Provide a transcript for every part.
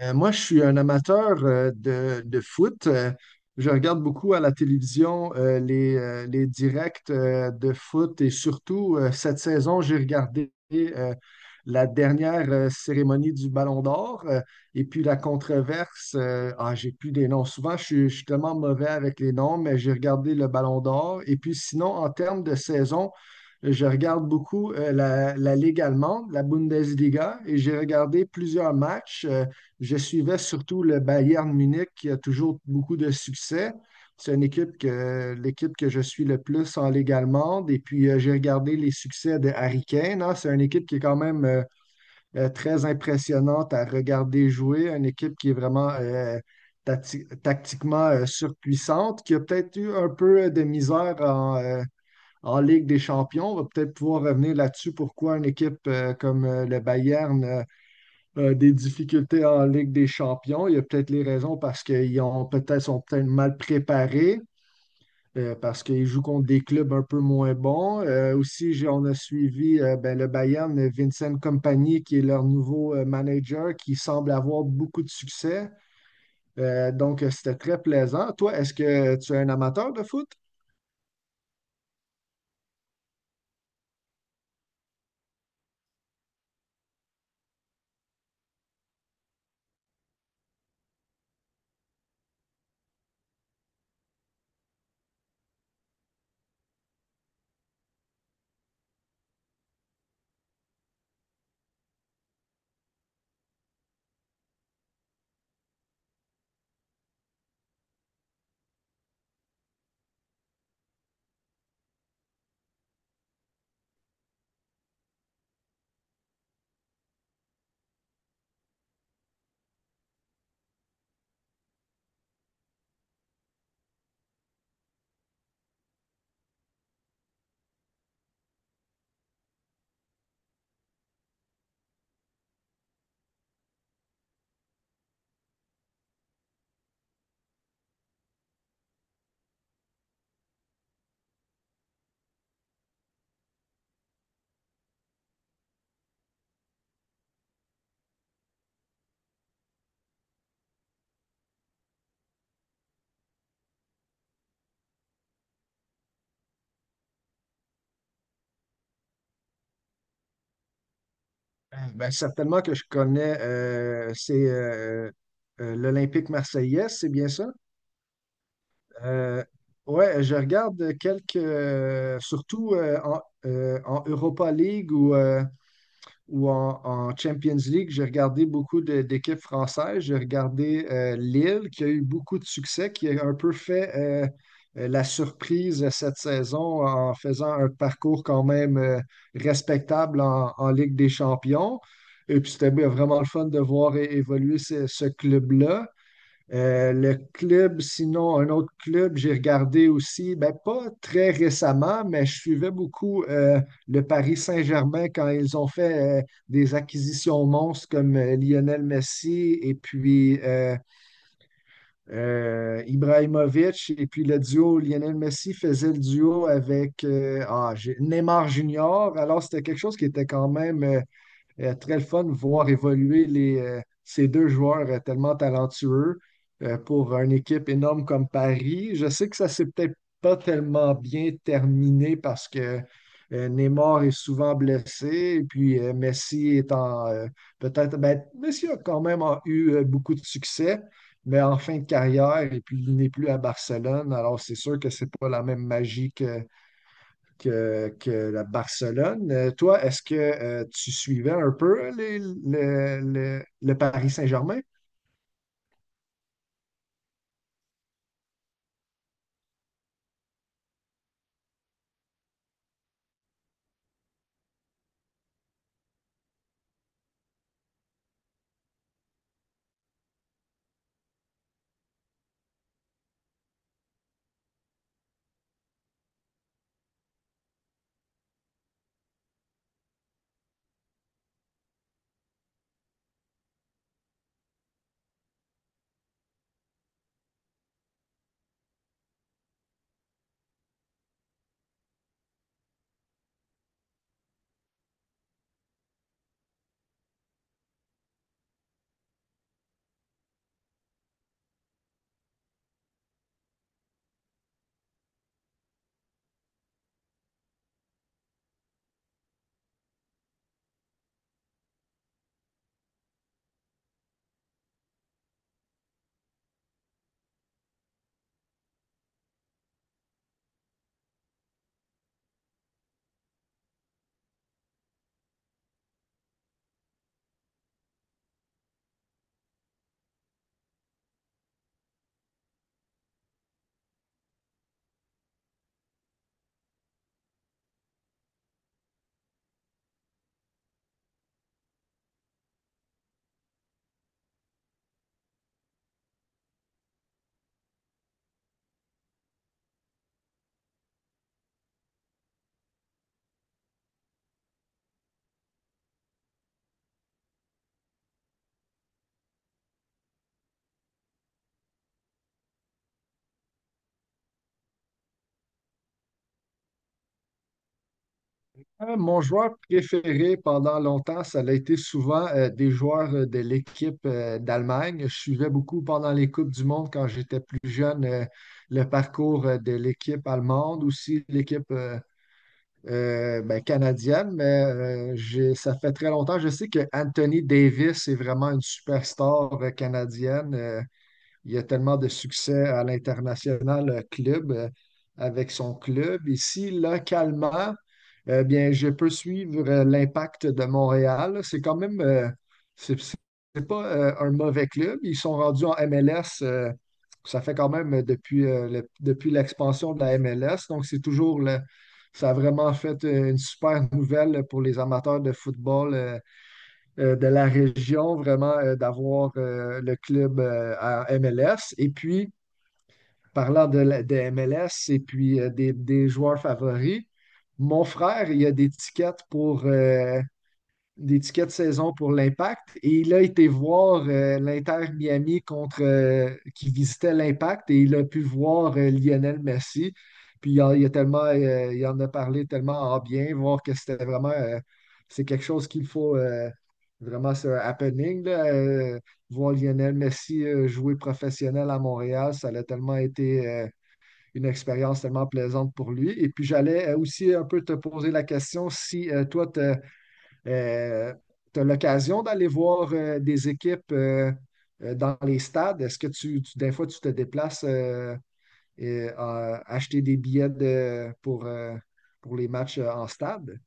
Moi, je suis un amateur de foot. Je regarde beaucoup à la télévision les directs de foot et surtout cette saison, j'ai regardé la dernière cérémonie du Ballon d'Or et puis la controverse. Ah, j'ai plus des noms. Souvent, je suis tellement mauvais avec les noms, mais j'ai regardé le Ballon d'Or. Et puis sinon, en termes de saison, je regarde beaucoup la Ligue allemande, la Bundesliga, et j'ai regardé plusieurs matchs. Je suivais surtout le Bayern Munich qui a toujours beaucoup de succès. C'est une équipe que l'équipe que je suis le plus en Ligue allemande. Et puis, j'ai regardé les succès de Harry Kane, hein. C'est une équipe qui est quand même très impressionnante à regarder jouer. Une équipe qui est vraiment tactiquement surpuissante, qui a peut-être eu un peu de misère en Ligue des Champions. On va peut-être pouvoir revenir là-dessus. Pourquoi une équipe comme le Bayern des difficultés en Ligue des champions. Il y a peut-être les raisons parce qu'ils ont peut-être sont peut-être mal préparés, parce qu'ils jouent contre des clubs un peu moins bons. Aussi, on a suivi ben, le Bayern, Vincent Kompany, qui est leur nouveau manager, qui semble avoir beaucoup de succès. C'était très plaisant. Toi, est-ce que tu es un amateur de foot? Ben, certainement que je connais, c'est l'Olympique marseillaise, c'est bien ça? Euh, ouais, je regarde quelques, surtout en Europa League ou en Champions League, j'ai regardé d'équipes françaises. J'ai regardé Lille, qui a eu beaucoup de succès, qui a un peu fait la surprise cette saison en faisant un parcours quand même respectable en Ligue des Champions. Et puis c'était bien, vraiment le fun de voir évoluer ce club-là. Le club, sinon, un autre club, j'ai regardé aussi, ben, pas très récemment, mais je suivais beaucoup le Paris Saint-Germain quand ils ont fait des acquisitions monstres comme Lionel Messi et puis Ibrahimovic. Et puis le duo, Lionel Messi faisait le duo avec Neymar Junior. Alors, c'était quelque chose qui était quand même très le fun de voir évoluer ces deux joueurs tellement talentueux pour une équipe énorme comme Paris. Je sais que ça s'est peut-être pas tellement bien terminé parce que Neymar est souvent blessé et puis Messi est en peut-être ben, Messi a quand même en eu beaucoup de succès, mais en fin de carrière et puis il n'est plus à Barcelone. Alors c'est sûr que c'est pas la même magie que que la Barcelone. Toi, est-ce que tu suivais un peu le Paris Saint-Germain? Mon joueur préféré pendant longtemps, ça a été souvent des joueurs de l'équipe d'Allemagne. Je suivais beaucoup pendant les Coupes du Monde quand j'étais plus jeune le parcours de l'équipe allemande, aussi l'équipe ben, canadienne. Mais ça fait très longtemps. Je sais que Anthony Davis est vraiment une superstar canadienne. Il a tellement de succès à l'international club avec son club. Ici, localement, eh bien, je peux suivre l'impact de Montréal. C'est quand même, c'est c'est- pas un mauvais club. Ils sont rendus en MLS. Ça fait quand même depuis, depuis l'expansion de la MLS. Donc, ça a vraiment fait une super nouvelle pour les amateurs de football. De la région, vraiment d'avoir le club à MLS. Et puis, parlant de MLS et puis des joueurs favoris, mon frère, il a des tickets pour d'étiquette saison pour l'Impact. Et il a été voir l'Inter Miami contre qui visitait l'Impact et il a pu voir Lionel Messi. Il a tellement, il en a parlé tellement en bien, voir que c'était vraiment c'est quelque chose qu'il faut vraiment, c'est un happening là, voir Lionel Messi jouer professionnel à Montréal, ça a tellement été une expérience tellement plaisante pour lui. Et puis j'allais aussi un peu te poser la question si toi, tu euh, tu as l'occasion d'aller voir des équipes dans les stades. Est-ce que des fois, tu te déplaces et, acheter pour les matchs en stade?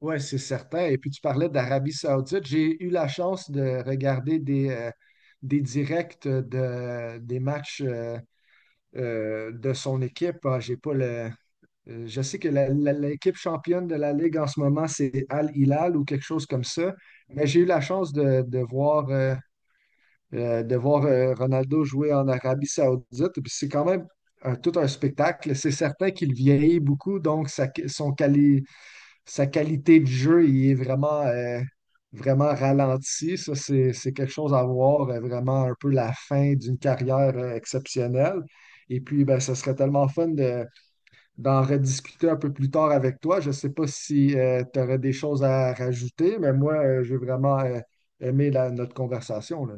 Oui, c'est certain. Et puis tu parlais d'Arabie Saoudite. J'ai eu la chance de regarder des directs des matchs de son équipe. Ah, j'ai pas le... Je sais que l'équipe championne de la Ligue en ce moment, c'est Al Hilal ou quelque chose comme ça. Mais j'ai eu la chance de voir Ronaldo jouer en Arabie Saoudite. Puis c'est quand même tout un spectacle. C'est certain qu'il vieillit beaucoup, donc sa qualité de jeu il est vraiment, vraiment ralentie. Ça, c'est quelque chose à voir, vraiment un peu la fin d'une carrière exceptionnelle. Et puis, ben, ce serait tellement fun de d'en rediscuter un peu plus tard avec toi. Je ne sais pas si tu aurais des choses à rajouter, mais moi, j'ai vraiment aimé notre conversation, là.